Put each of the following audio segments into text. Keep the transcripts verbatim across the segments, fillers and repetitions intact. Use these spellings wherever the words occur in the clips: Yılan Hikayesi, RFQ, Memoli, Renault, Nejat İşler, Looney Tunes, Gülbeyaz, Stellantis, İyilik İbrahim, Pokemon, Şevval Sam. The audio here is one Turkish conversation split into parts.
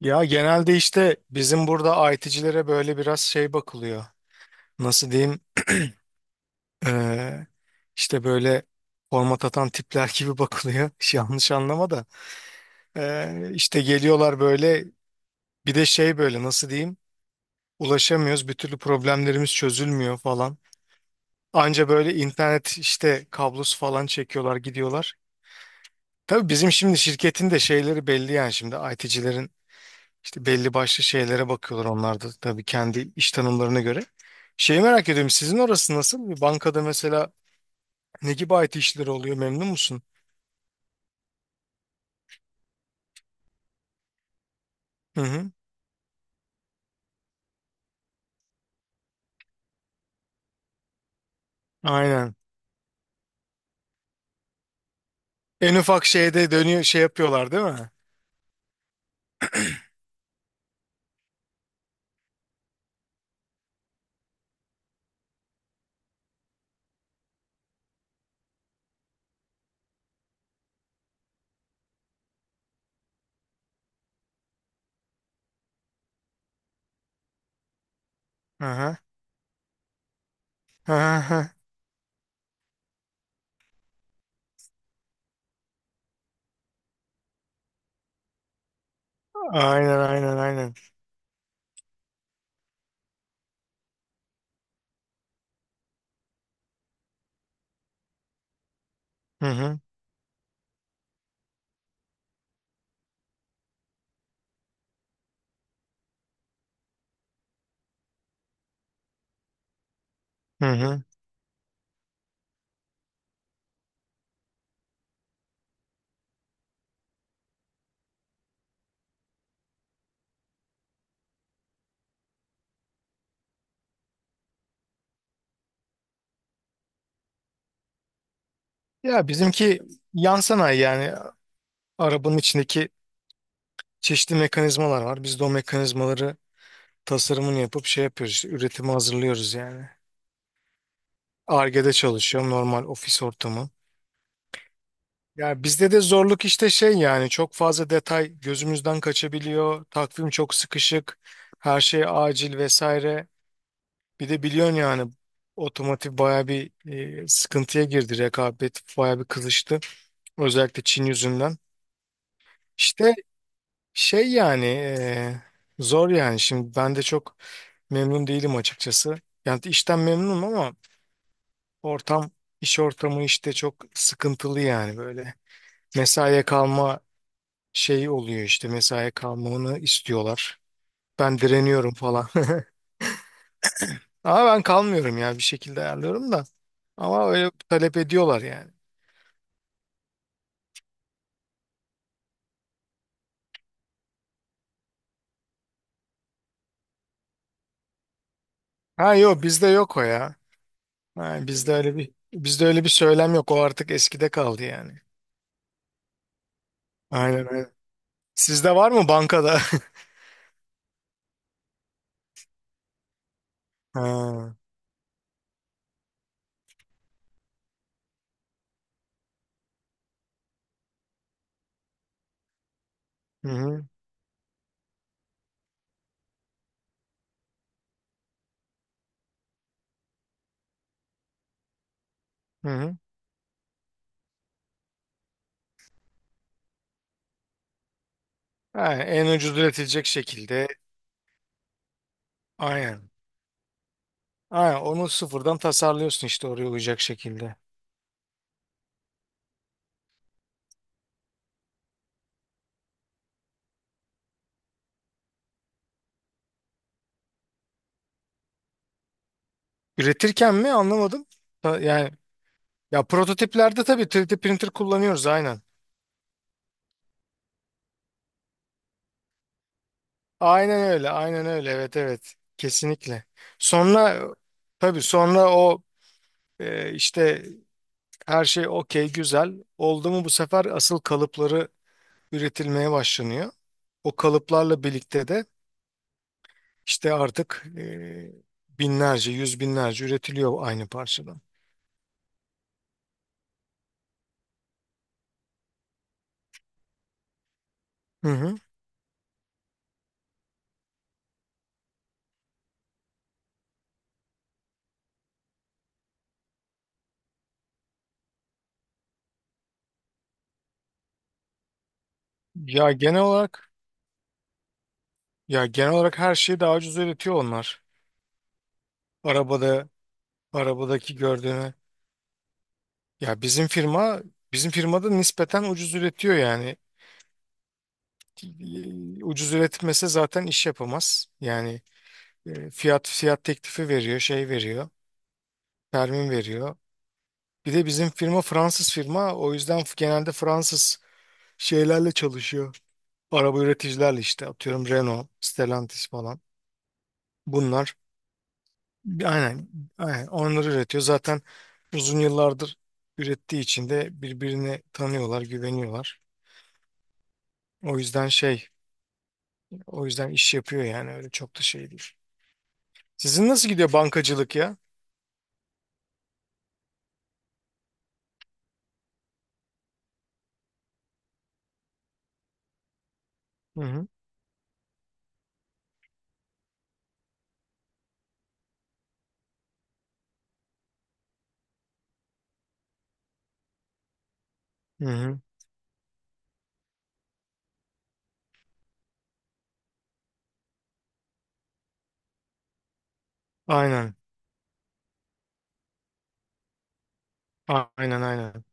Ya genelde işte bizim burada I T'cilere böyle biraz şey bakılıyor. Nasıl diyeyim? Ee, işte böyle format atan tipler gibi bakılıyor. Yanlış anlama da. Ee, işte geliyorlar böyle bir de şey böyle nasıl diyeyim? Ulaşamıyoruz. Bir türlü problemlerimiz çözülmüyor falan. Anca böyle internet işte kablosu falan çekiyorlar gidiyorlar. Tabii bizim şimdi şirketin de şeyleri belli yani şimdi I T'cilerin İşte belli başlı şeylere bakıyorlar onlar da tabii kendi iş tanımlarına göre. Şeyi merak ediyorum sizin orası nasıl? Bir bankada mesela ne gibi I T işleri oluyor, memnun musun? Hı hı. Aynen. En ufak şeyde dönüyor şey yapıyorlar değil mi? Hı hı. Hı hı. Aynen aynen aynen. Hı hı. Hı hı. Ya bizimki yan sanayi yani arabanın içindeki çeşitli mekanizmalar var. Biz de o mekanizmaları tasarımını yapıp şey yapıyoruz işte üretimi hazırlıyoruz yani. Ar-Ge'de çalışıyorum, normal ofis ortamı. Ya bizde de zorluk işte şey yani çok fazla detay gözümüzden kaçabiliyor. Takvim çok sıkışık. Her şey acil vesaire. Bir de biliyorsun yani otomotiv baya bir e, sıkıntıya girdi. Rekabet baya bir kızıştı. Özellikle Çin yüzünden. İşte şey yani e, zor yani. Şimdi ben de çok memnun değilim açıkçası. Yani işten memnunum ama ortam iş ortamı işte çok sıkıntılı yani böyle. Mesaiye kalma şey oluyor işte mesaiye kalmamı istiyorlar. Ben direniyorum falan. Ama ben kalmıyorum ya, bir şekilde ayarlıyorum da. Ama öyle talep ediyorlar yani. Ha yok, bizde yok o ya. Ha, bizde öyle bir bizde öyle bir söylem yok. O artık eskide kaldı yani. Aynen öyle. Sizde var mı bankada? Ha. Hı hı. Hı hı. Ha, en ucuz üretilecek şekilde. Aynen. Aynen. Onu sıfırdan tasarlıyorsun işte oraya uyacak şekilde. Üretirken mi, anlamadım. Ta- Yani ya prototiplerde tabii üç D printer kullanıyoruz aynen. Aynen öyle, aynen öyle. Evet, evet. Kesinlikle. Sonra tabii sonra o e, işte her şey okey güzel oldu mu bu sefer asıl kalıpları üretilmeye başlanıyor. O kalıplarla birlikte de işte artık e, binlerce, yüz binlerce üretiliyor aynı parçadan. Hı hı. Ya genel olarak ya genel olarak her şeyi daha ucuz üretiyor onlar. Arabada arabadaki gördüğünü ya bizim firma bizim firmada nispeten ucuz üretiyor yani. E, Ucuz üretmese zaten iş yapamaz. Yani e, fiyat fiyat teklifi veriyor, şey veriyor, termin veriyor. Bir de bizim firma Fransız firma o yüzden f- genelde Fransız şeylerle çalışıyor. Araba üreticilerle işte atıyorum Renault, Stellantis falan. Bunlar aynen, aynen onları üretiyor. Zaten uzun yıllardır ürettiği için de birbirini tanıyorlar, güveniyorlar. O yüzden şey O yüzden iş yapıyor yani öyle çok da şey değil. Sizin nasıl gidiyor bankacılık ya? Hı hı. Hı hı. Aynen. A- Aynen aynen.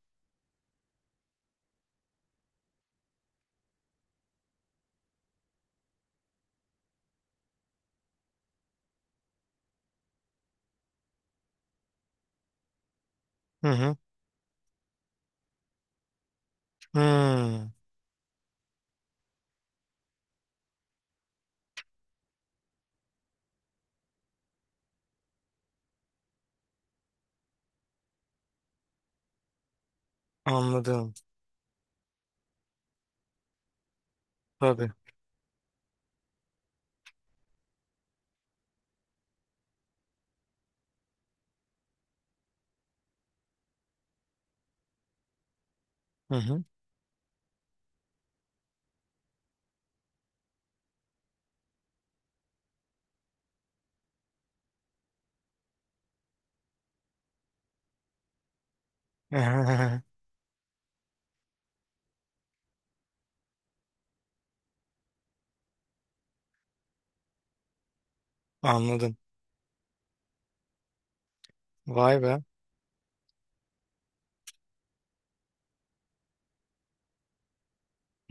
Hı hı. Hı. Anladım. Tabii. Hı hı. Anladım. Vay be.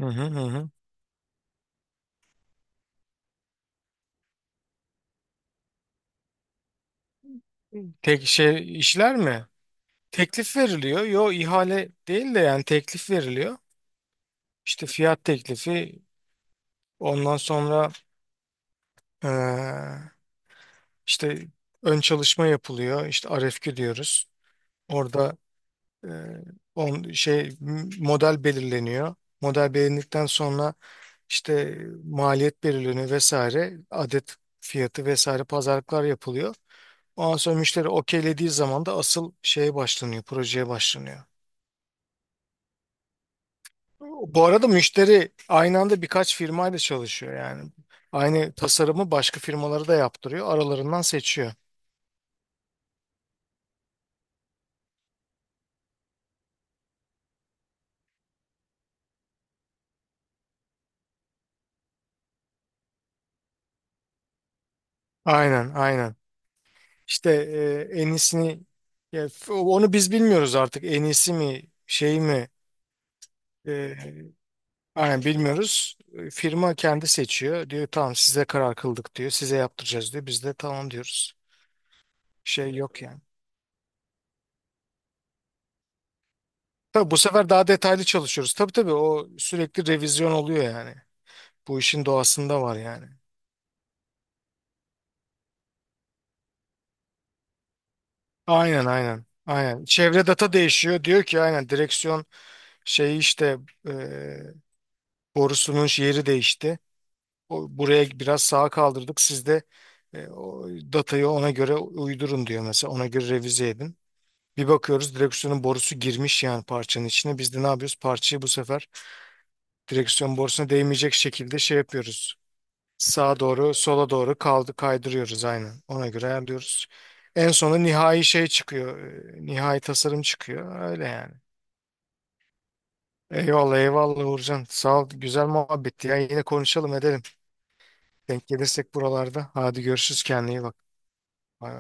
Hı hı, hı hı. Tek şey işler mi? Teklif veriliyor. Yo, ihale değil de yani teklif veriliyor. İşte fiyat teklifi ondan sonra eee, işte ön çalışma yapılıyor. İşte R F Q diyoruz. Orada E, on, şey m- model belirleniyor. Model belirlendikten sonra işte maliyet belirleniyor vesaire. Adet fiyatı vesaire pazarlıklar yapılıyor. Ondan sonra müşteri okeylediği zaman da asıl şeye başlanıyor, projeye başlanıyor. Bu arada müşteri aynı anda birkaç firmayla çalışıyor yani. Aynı tasarımı başka firmaları da yaptırıyor. Aralarından seçiyor. Aynen, aynen. İşte e, en iyisini ya, f- onu biz bilmiyoruz artık. En iyisi mi, şey mi? Ee, aynen bilmiyoruz. Ee, Firma kendi seçiyor. Diyor tamam size karar kıldık diyor. Size yaptıracağız diyor. Biz de tamam diyoruz. Şey yok yani. Tabii bu sefer daha detaylı çalışıyoruz. Tabii tabii o sürekli revizyon oluyor yani. Bu işin doğasında var yani. Aynen, aynen. Aynen. Çevre data değişiyor. Diyor ki aynen direksiyon şeyi işte e, borusunun yeri değişti. O, buraya biraz sağa kaldırdık. Siz de e, o datayı ona göre uydurun diyor mesela. Ona göre revize edin. Bir bakıyoruz direksiyonun borusu girmiş yani parçanın içine. Biz de ne yapıyoruz? Parçayı bu sefer direksiyon borusuna değmeyecek şekilde şey yapıyoruz. Sağa doğru, sola doğru kaldı kaydırıyoruz aynen. Ona göre ayarlıyoruz. En sonunda nihai şey çıkıyor. e, Nihai tasarım çıkıyor. Öyle yani. Eyvallah, eyvallah Uğurcan. Sağ ol. Güzel muhabbetti ya. Yine konuşalım edelim. Denk gelirsek buralarda. Hadi görüşürüz. Kendine iyi bak. Bay bay.